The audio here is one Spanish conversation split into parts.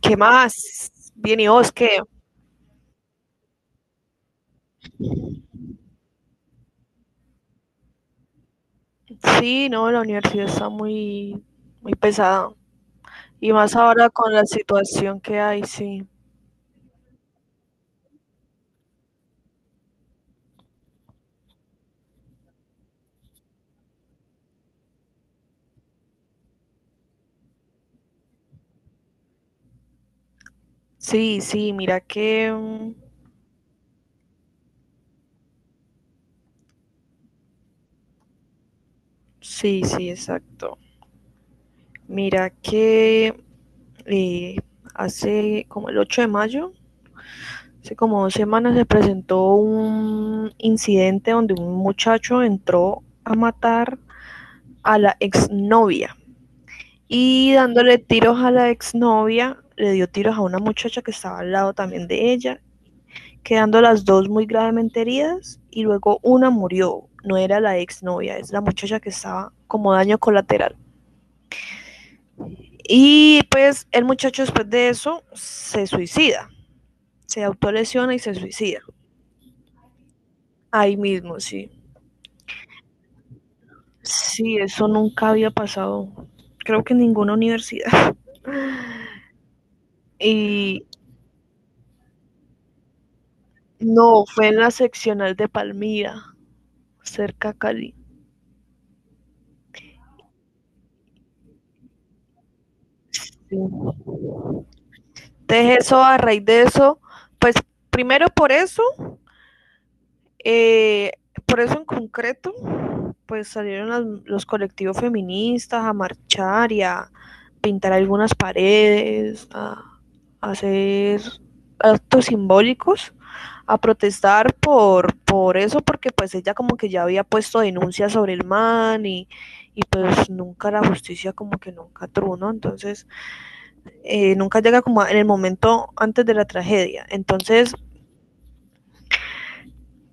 ¿Qué más? Bien, ¿y vos qué? Sí, no, la universidad está muy, muy pesada. Y más ahora con la situación que hay, sí. Sí, sí, mira que. Mm. Sí, sí, exacto. Mira que eh, hace como el 8 de mayo, hace como 2 semanas se presentó un incidente donde un muchacho entró a matar a la exnovia. Y dándole tiros a la exnovia, le dio tiros a una muchacha que estaba al lado también de ella, quedando las dos muy gravemente heridas y luego una murió. No era la exnovia, es la muchacha que estaba como daño colateral. Y pues el muchacho después de eso se suicida, se autolesiona y se suicida. Ahí mismo, sí. Sí, eso nunca había pasado, creo que en ninguna universidad. Y no, fue en la seccional de Palmira, cerca a Cali. Sí. Entonces eso, a raíz de eso, pues primero eh, por eso en concreto, pues salieron los colectivos feministas a marchar y a pintar algunas paredes, a hacer actos simbólicos, a protestar por eso, porque pues ella como que ya había puesto denuncias sobre el man y pues nunca la justicia como que nunca truno, entonces nunca llega como en el momento antes de la tragedia. Entonces,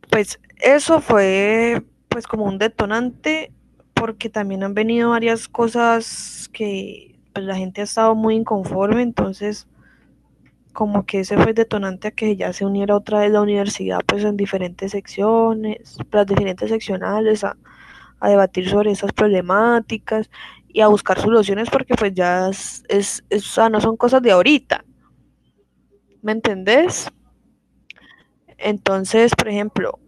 pues eso fue pues como un detonante porque también han venido varias cosas que pues, la gente ha estado muy inconforme, entonces como que ese fue detonante a que ya se uniera otra vez la universidad pues en diferentes secciones, las diferentes seccionales a debatir sobre esas problemáticas y a buscar soluciones porque pues ya es o sea, no son cosas de ahorita, ¿me entendés? Entonces, por ejemplo,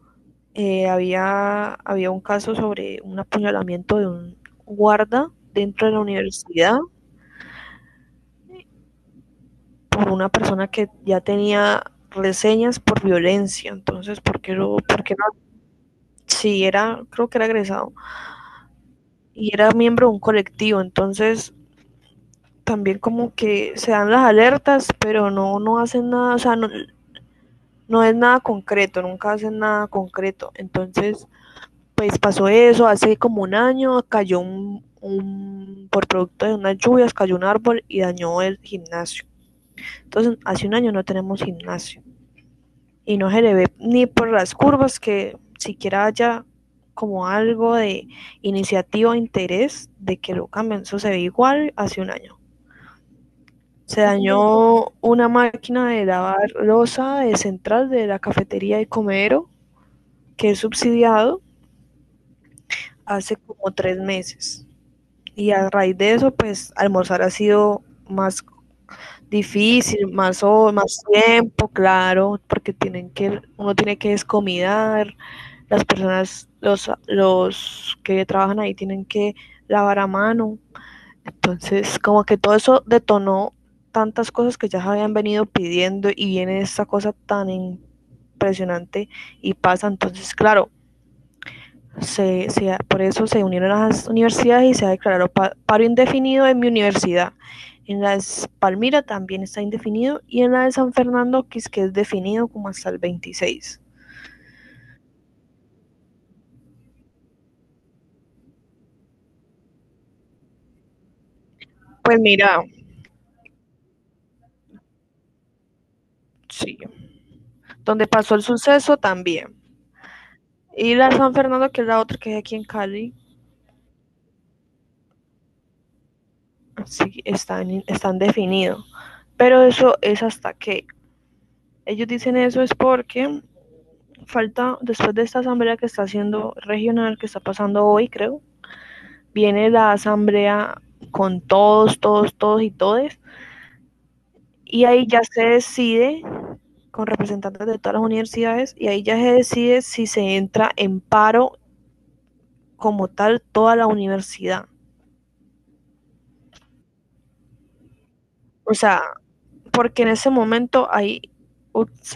había un caso sobre un apuñalamiento de un guarda dentro de la universidad por una persona que ya tenía reseñas por violencia, entonces, ¿por qué no? ¿Por qué no? Sí, era, creo que era egresado y era miembro de un colectivo, entonces también como que se dan las alertas, pero no, no hacen nada, o sea, no, no es nada concreto, nunca hacen nada concreto, entonces pues pasó eso, hace como un año cayó por producto de unas lluvias, cayó un árbol y dañó el gimnasio. Entonces, hace un año no tenemos gimnasio y no se le ve ni por las curvas que siquiera haya como algo de iniciativa o interés de que lo cambien. Eso se ve igual hace un año. Se dañó una máquina de lavar losa de central de la cafetería y comedero que es subsidiado hace como 3 meses. Y a raíz de eso, pues almorzar ha sido más difícil, más, más tiempo, claro, porque uno tiene que descomidar, las personas, los que trabajan ahí tienen que lavar a mano. Entonces, como que todo eso detonó tantas cosas que ya se habían venido pidiendo y viene esta cosa tan impresionante y pasa. Entonces, claro, por eso se unieron a las universidades y se ha declarado paro indefinido en mi universidad. En la de Palmira también está indefinido y en la de San Fernando, que es definido como hasta el 26. Pues mira, sí, donde pasó el suceso también. Y la de San Fernando, que es la otra que es aquí en Cali, sí, están definidos. Pero eso es hasta que. Ellos dicen eso es porque falta, después de esta asamblea que está haciendo regional, que está pasando hoy, creo, viene la asamblea con todos, todos, todos y todes, y ahí ya se decide con representantes de todas las universidades, y ahí ya se decide si se entra en paro como tal toda la universidad. O sea, porque en ese momento hay,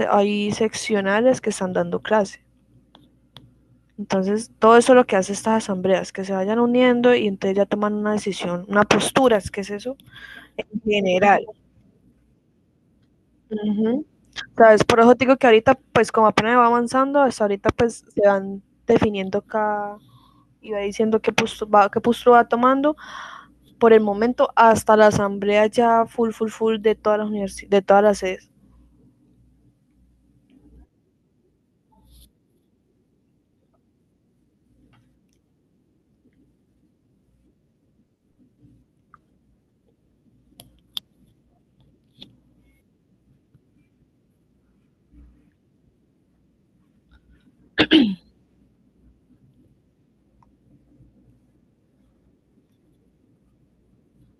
hay seccionales que están dando clase. Entonces, todo eso es lo que hace estas asambleas, que se vayan uniendo y entonces ya toman una decisión, una postura, es que es eso, en general. Ujú. ¿Sabes? Por eso te digo que ahorita, pues como apenas va avanzando, hasta ahorita pues se van definiendo cada, y va diciendo qué postura va tomando. Por el momento, hasta la asamblea ya full, full, full de todas las de todas las sedes.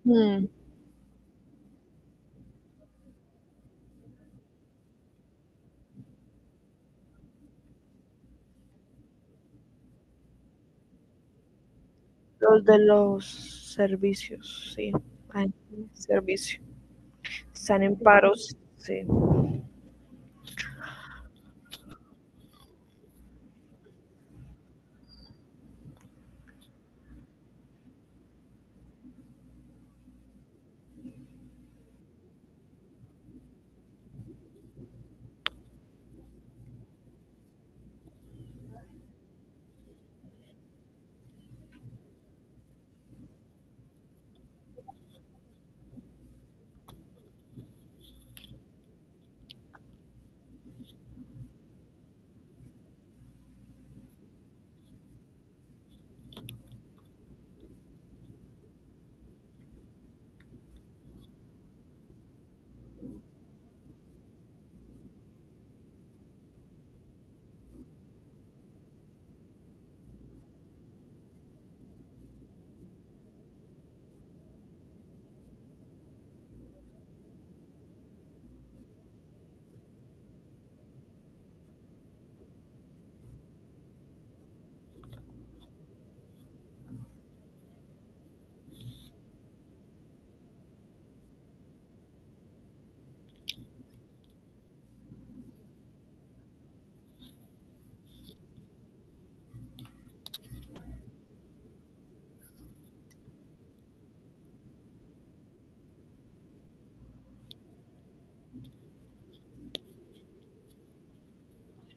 Mm. Los de los servicios, sí. Ay, servicio. Están en paros, sí.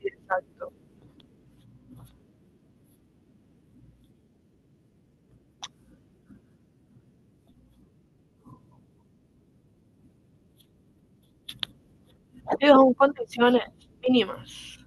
Exacto. Digo, son condiciones mínimas.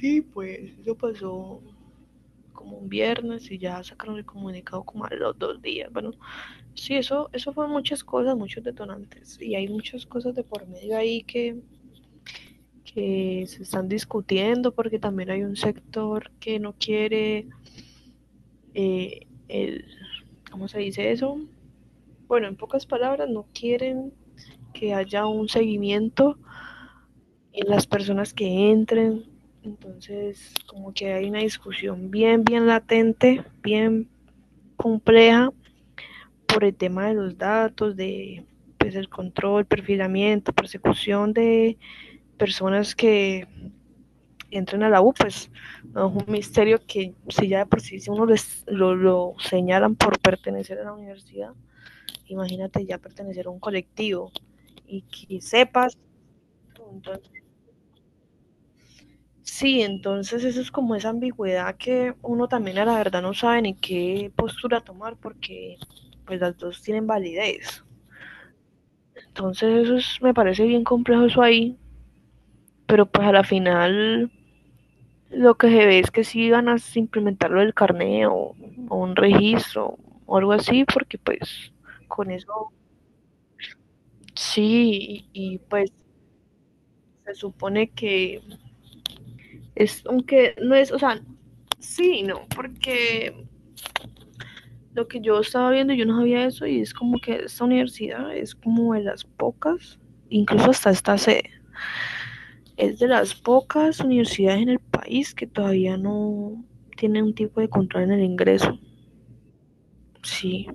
Sí, pues, eso pasó, como un viernes y ya sacaron el comunicado como a los 2 días. Bueno, sí, eso fue muchas cosas, muchos detonantes y hay muchas cosas de por medio ahí que se están discutiendo porque también hay un sector que no quiere. eh, el, ¿Cómo se dice eso? Bueno, en pocas palabras, no quieren que haya un seguimiento en las personas que entren. Entonces, como que hay una discusión bien, bien latente, bien compleja por el tema de los datos, de pues, el control, perfilamiento, persecución de personas que entren a la U, pues no es un misterio que si ya de por sí si uno lo señalan por pertenecer a la universidad, imagínate ya pertenecer a un colectivo y que sepas. Entonces, sí, entonces eso es como esa ambigüedad que uno también a la verdad no sabe ni qué postura tomar porque pues las dos tienen validez. Entonces eso es- me parece bien complejo eso ahí, pero pues a la final lo que se ve es que sí van a implementar lo del carneo o un registro o algo así, porque pues con eso sí, pues se supone que es, aunque no es, o sea, sí, no, porque lo que yo estaba viendo yo no sabía eso y es como que esta universidad es como de las pocas, incluso hasta esta sede. Es de las pocas universidades en el país que todavía no tiene un tipo de control en el ingreso. Sí.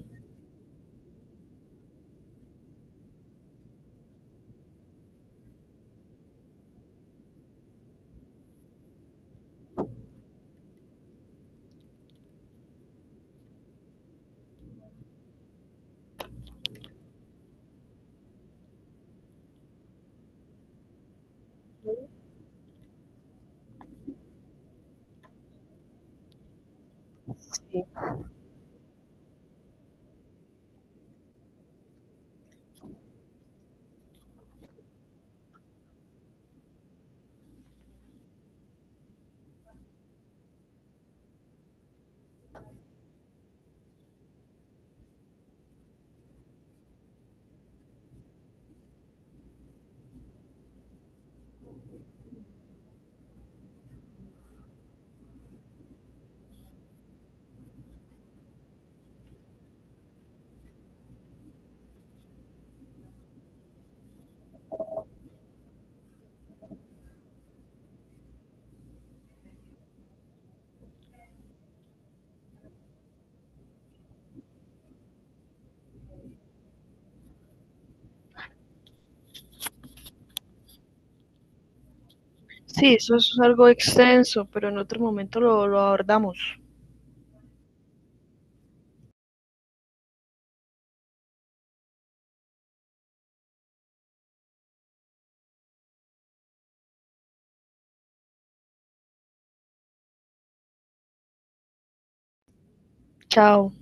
Sí, eso es algo extenso, pero en otro momento lo abordamos. Chao.